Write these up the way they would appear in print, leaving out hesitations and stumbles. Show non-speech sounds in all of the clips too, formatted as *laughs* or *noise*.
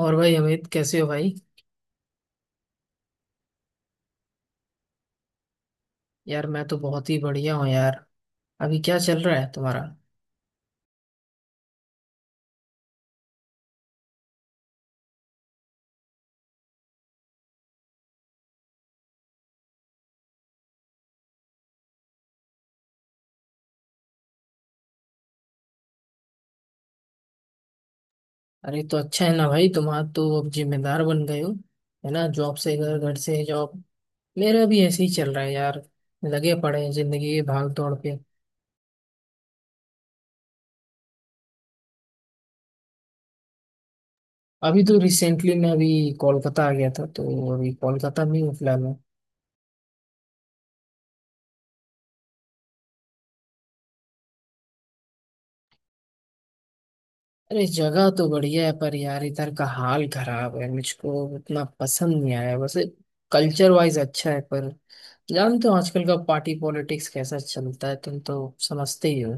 और भाई अमित कैसे हो भाई। यार मैं तो बहुत ही बढ़िया हूँ यार। अभी क्या चल रहा है तुम्हारा। अरे तो अच्छा है ना भाई, तुम्हारा तो अब जिम्मेदार बन गए हो, है ना। जॉब से घर, घर से जॉब, मेरा भी ऐसे ही चल रहा है यार। लगे पड़े हैं जिंदगी के भाग दौड़ पे। अभी तो रिसेंटली मैं अभी कोलकाता आ गया था, तो अभी कोलकाता में हूँ फिलहाल मैं। अरे जगह तो बढ़िया है पर यार इधर का हाल खराब है, मुझको उतना पसंद नहीं आया वैसे। कल्चर वाइज अच्छा है, पर जानते हो आजकल का पार्टी पॉलिटिक्स कैसा चलता है, तुम तो समझते ही हो।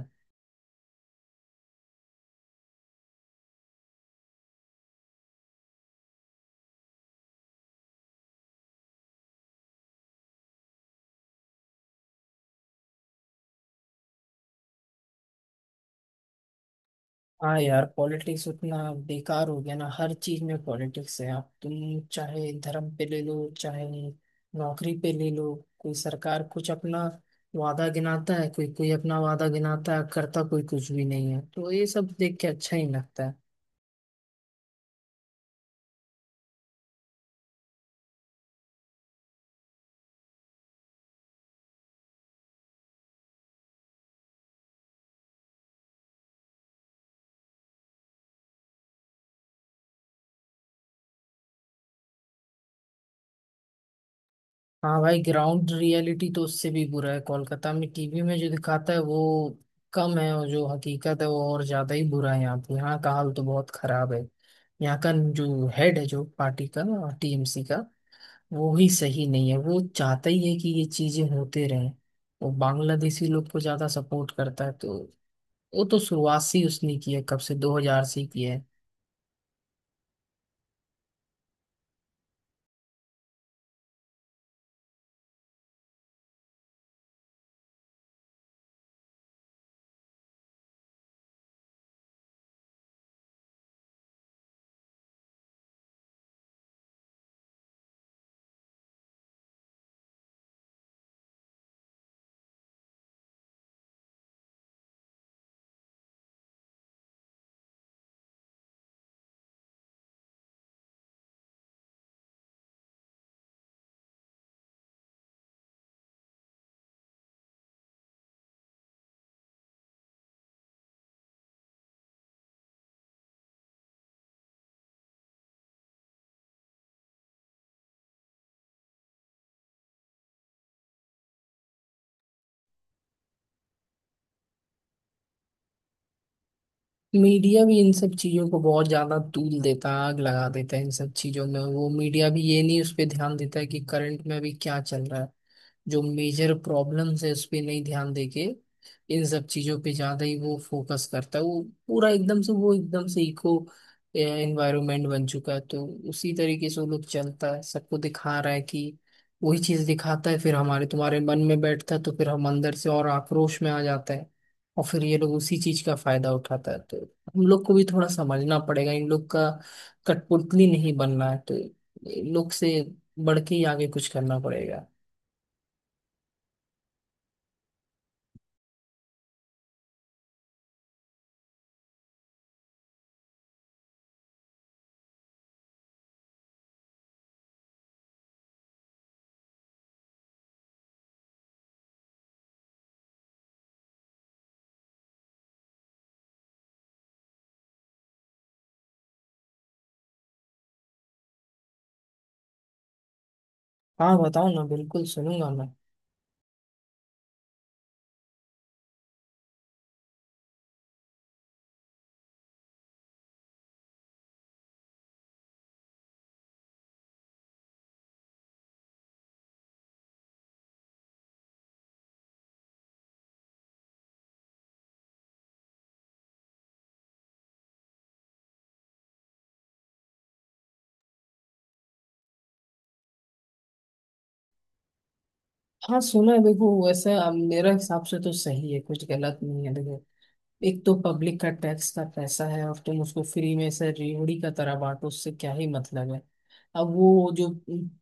हाँ यार, पॉलिटिक्स उतना बेकार हो गया ना। हर चीज में पॉलिटिक्स है, आप तुम चाहे धर्म पे ले लो, चाहे नौकरी पे ले लो। कोई सरकार कुछ अपना वादा गिनाता है, कोई कोई अपना वादा गिनाता है, करता कोई कुछ भी नहीं है, तो ये सब देख के अच्छा ही लगता है। हाँ भाई, ग्राउंड रियलिटी तो उससे भी बुरा है कोलकाता में। टीवी में जो दिखाता है वो कम है, और जो हकीकत है वो और ज्यादा ही बुरा है। यहाँ पे यहाँ का हाल तो बहुत खराब है। यहाँ का जो हेड है, जो पार्टी का टीएमसी का, वो ही सही नहीं है। वो चाहता ही है कि ये चीजें होते रहें। वो बांग्लादेशी लोग को ज्यादा सपोर्ट करता है, तो वो तो शुरुआत से ही उसने की है, कब से 2000 से ही की है। मीडिया भी इन सब चीजों को बहुत ज्यादा तूल देता है, आग लगा देता है इन सब चीजों में वो। मीडिया भी ये नहीं उस पर ध्यान देता है कि करंट में अभी क्या चल रहा है, जो मेजर प्रॉब्लम्स है उस पर नहीं ध्यान देके, इन सब चीजों पे ज्यादा ही वो फोकस करता है वो। पूरा एकदम से वो, एकदम से इको एनवायरनमेंट बन चुका है, तो उसी तरीके से वो लोग चलता है, सबको दिखा रहा है कि वही चीज दिखाता है, फिर हमारे तुम्हारे मन में बैठता है, तो फिर हम अंदर से और आक्रोश में आ जाता है, और फिर ये लोग उसी चीज का फायदा उठाता है। तो हम लोग को भी थोड़ा समझना पड़ेगा, इन लोग का कठपुतली नहीं बनना है, तो इन लोग से बढ़ के ही आगे कुछ करना पड़ेगा। हाँ बताओ ना, बिल्कुल सुनूंगा मैं। हाँ सुना है। देखो वैसे अब मेरे हिसाब से तो सही है, कुछ गलत नहीं है। देखो, एक तो पब्लिक का टैक्स का पैसा है, और तुम उसको फ्री में से रेवड़ी का तरह बांटो, उससे क्या ही मतलब है। अब वो जो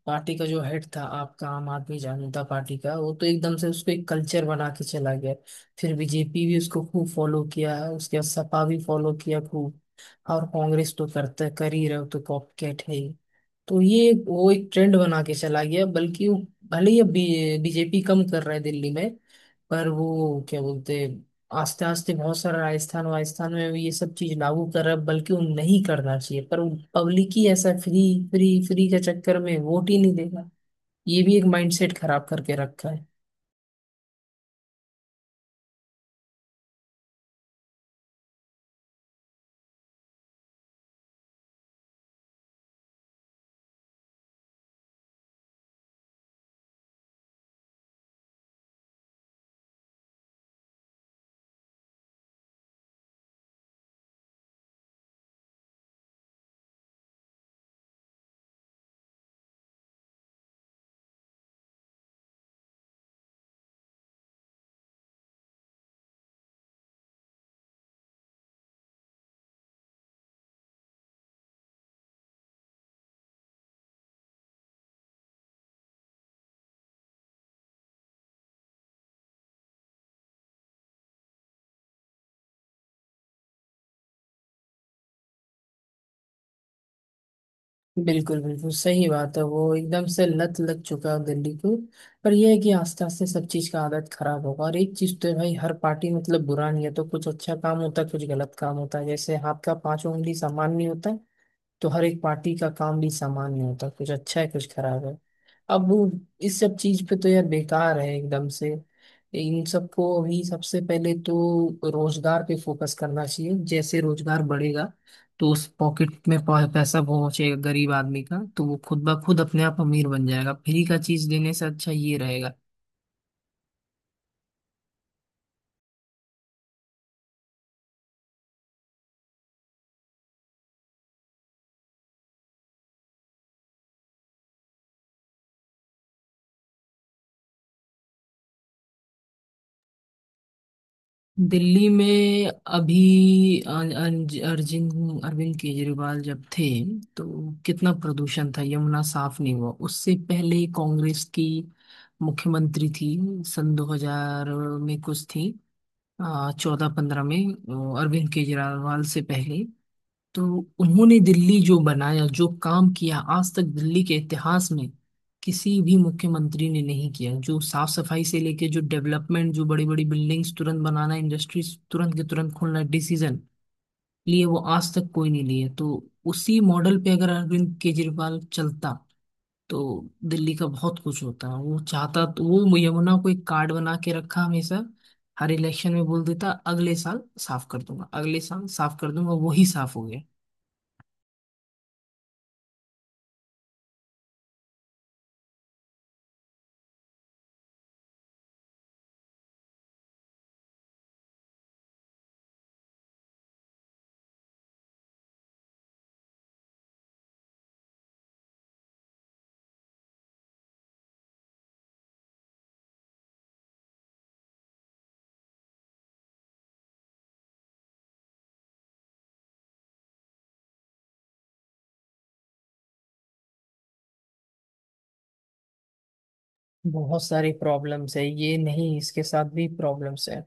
पार्टी का जो हेड था आपका, आम आदमी जनता पार्टी का, वो तो एकदम से उसको एक कल्चर बना के चला गया। फिर बीजेपी भी उसको खूब फॉलो किया, उसके बाद सपा भी फॉलो किया खूब, और कांग्रेस तो करता है, कर ही रहे हो, तो कॉपकैट है ही। तो ये वो एक ट्रेंड बना के चला गया। बल्कि वो, भले ही अब बीजेपी कम कर रहा है दिल्ली में, पर वो क्या बोलते हैं, आस्ते आस्ते बहुत सारा राजस्थान वाजस्थान में भी ये सब चीज लागू कर रहा है। बल्कि वो नहीं करना चाहिए, पर पब्लिक ही ऐसा फ्री फ्री फ्री के चक्कर में वोट ही नहीं देगा। ये भी एक माइंडसेट खराब करके रखा है। बिल्कुल बिल्कुल सही बात है, वो एकदम से लत लग चुका है दिल्ली को। पर यह है कि आस्ते आस्ते सब चीज का आदत खराब होगा। और एक चीज तो है भाई, हर पार्टी मतलब बुरा नहीं है, तो कुछ अच्छा काम होता है, कुछ गलत काम होता है, जैसे हाथ का पांचों उंगली समान नहीं होता, तो हर एक पार्टी का काम भी समान नहीं होता, कुछ अच्छा है कुछ खराब है। अब वो इस सब चीज पे तो यार बेकार है एकदम से। इन सबको अभी सबसे पहले तो रोजगार पे फोकस करना चाहिए। जैसे रोजगार बढ़ेगा, तो उस पॉकेट में पैसा पहुंचेगा गरीब आदमी का, तो वो खुद ब खुद अपने आप अमीर बन जाएगा, फ्री का चीज देने से अच्छा ये रहेगा। दिल्ली में अभी अरविंद अरविंद केजरीवाल जब थे, तो कितना प्रदूषण था, यमुना साफ नहीं हुआ। उससे पहले कांग्रेस की मुख्यमंत्री थी सन 2000 में, कुछ थी 14-15 में, अरविंद केजरीवाल से पहले। तो उन्होंने दिल्ली जो बनाया, जो काम किया, आज तक दिल्ली के इतिहास में किसी भी मुख्यमंत्री ने नहीं किया। जो साफ सफाई से लेके, जो डेवलपमेंट, जो बड़ी बड़ी बिल्डिंग्स तुरंत बनाना, इंडस्ट्रीज तुरंत के तुरंत खोलना, डिसीजन लिए, वो आज तक कोई नहीं लिए। तो उसी मॉडल पे अगर अरविंद केजरीवाल चलता, तो दिल्ली का बहुत कुछ होता। वो चाहता तो, वो यमुना को एक कार्ड बना के रखा हमेशा। हर इलेक्शन में बोल देता अगले साल साफ कर दूंगा, अगले साल साफ कर दूंगा, वही साफ हो गया। बहुत सारी प्रॉब्लम्स है, ये नहीं इसके साथ भी प्रॉब्लम्स है।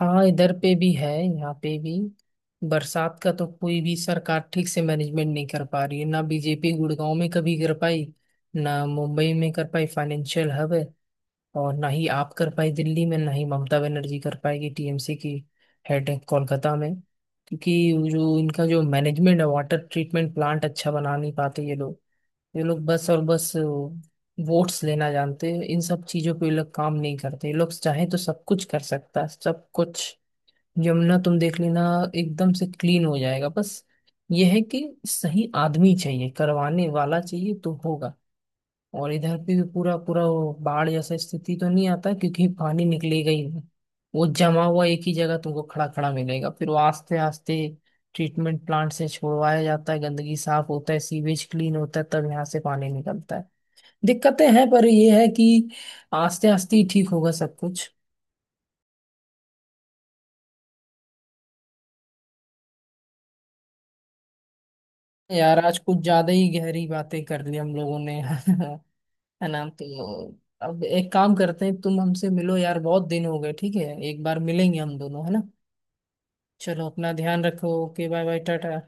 हाँ इधर पे भी है, यहाँ पे भी बरसात का तो कोई भी सरकार ठीक से मैनेजमेंट नहीं कर पा रही है। ना बीजेपी गुड़गांव में कभी कर पाई, ना मुंबई में कर पाई, फाइनेंशियल हब है, और ना ही आप कर पाई दिल्ली में, ना ही ममता बनर्जी कर पाएगी, टीएमसी की हेड है कोलकाता में। क्योंकि जो इनका जो मैनेजमेंट है, वाटर ट्रीटमेंट प्लांट अच्छा बना नहीं पाते ये लोग। ये लोग बस और बस वोट्स लेना जानते हैं, इन सब चीजों पे ये लोग काम नहीं करते। ये लोग चाहे तो सब कुछ कर सकता है, सब कुछ। यमुना तुम देख लेना, एकदम से क्लीन हो जाएगा। बस ये है कि सही आदमी चाहिए करवाने वाला, चाहिए तो होगा। और इधर भी पूरा पूरा वो बाढ़ जैसा स्थिति तो नहीं आता, क्योंकि पानी निकलेगा ही नहीं। वो जमा हुआ एक ही जगह तुमको खड़ा खड़ा मिलेगा, फिर वो आस्ते आस्ते ट्रीटमेंट प्लांट से छोड़वाया जाता है, गंदगी साफ होता है, सीवेज क्लीन होता है, तब यहाँ से पानी निकलता है। दिक्कतें हैं, पर ये है कि आस्ते आस्ते ही ठीक होगा सब कुछ। यार आज कुछ ज्यादा ही गहरी बातें कर ली हम लोगों ने *laughs* है ना। तो अब एक काम करते हैं, तुम हमसे मिलो यार, बहुत दिन हो गए। ठीक है, एक बार मिलेंगे हम दोनों, है ना। चलो अपना ध्यान रखो, ओके, बाय बाय, टाटा।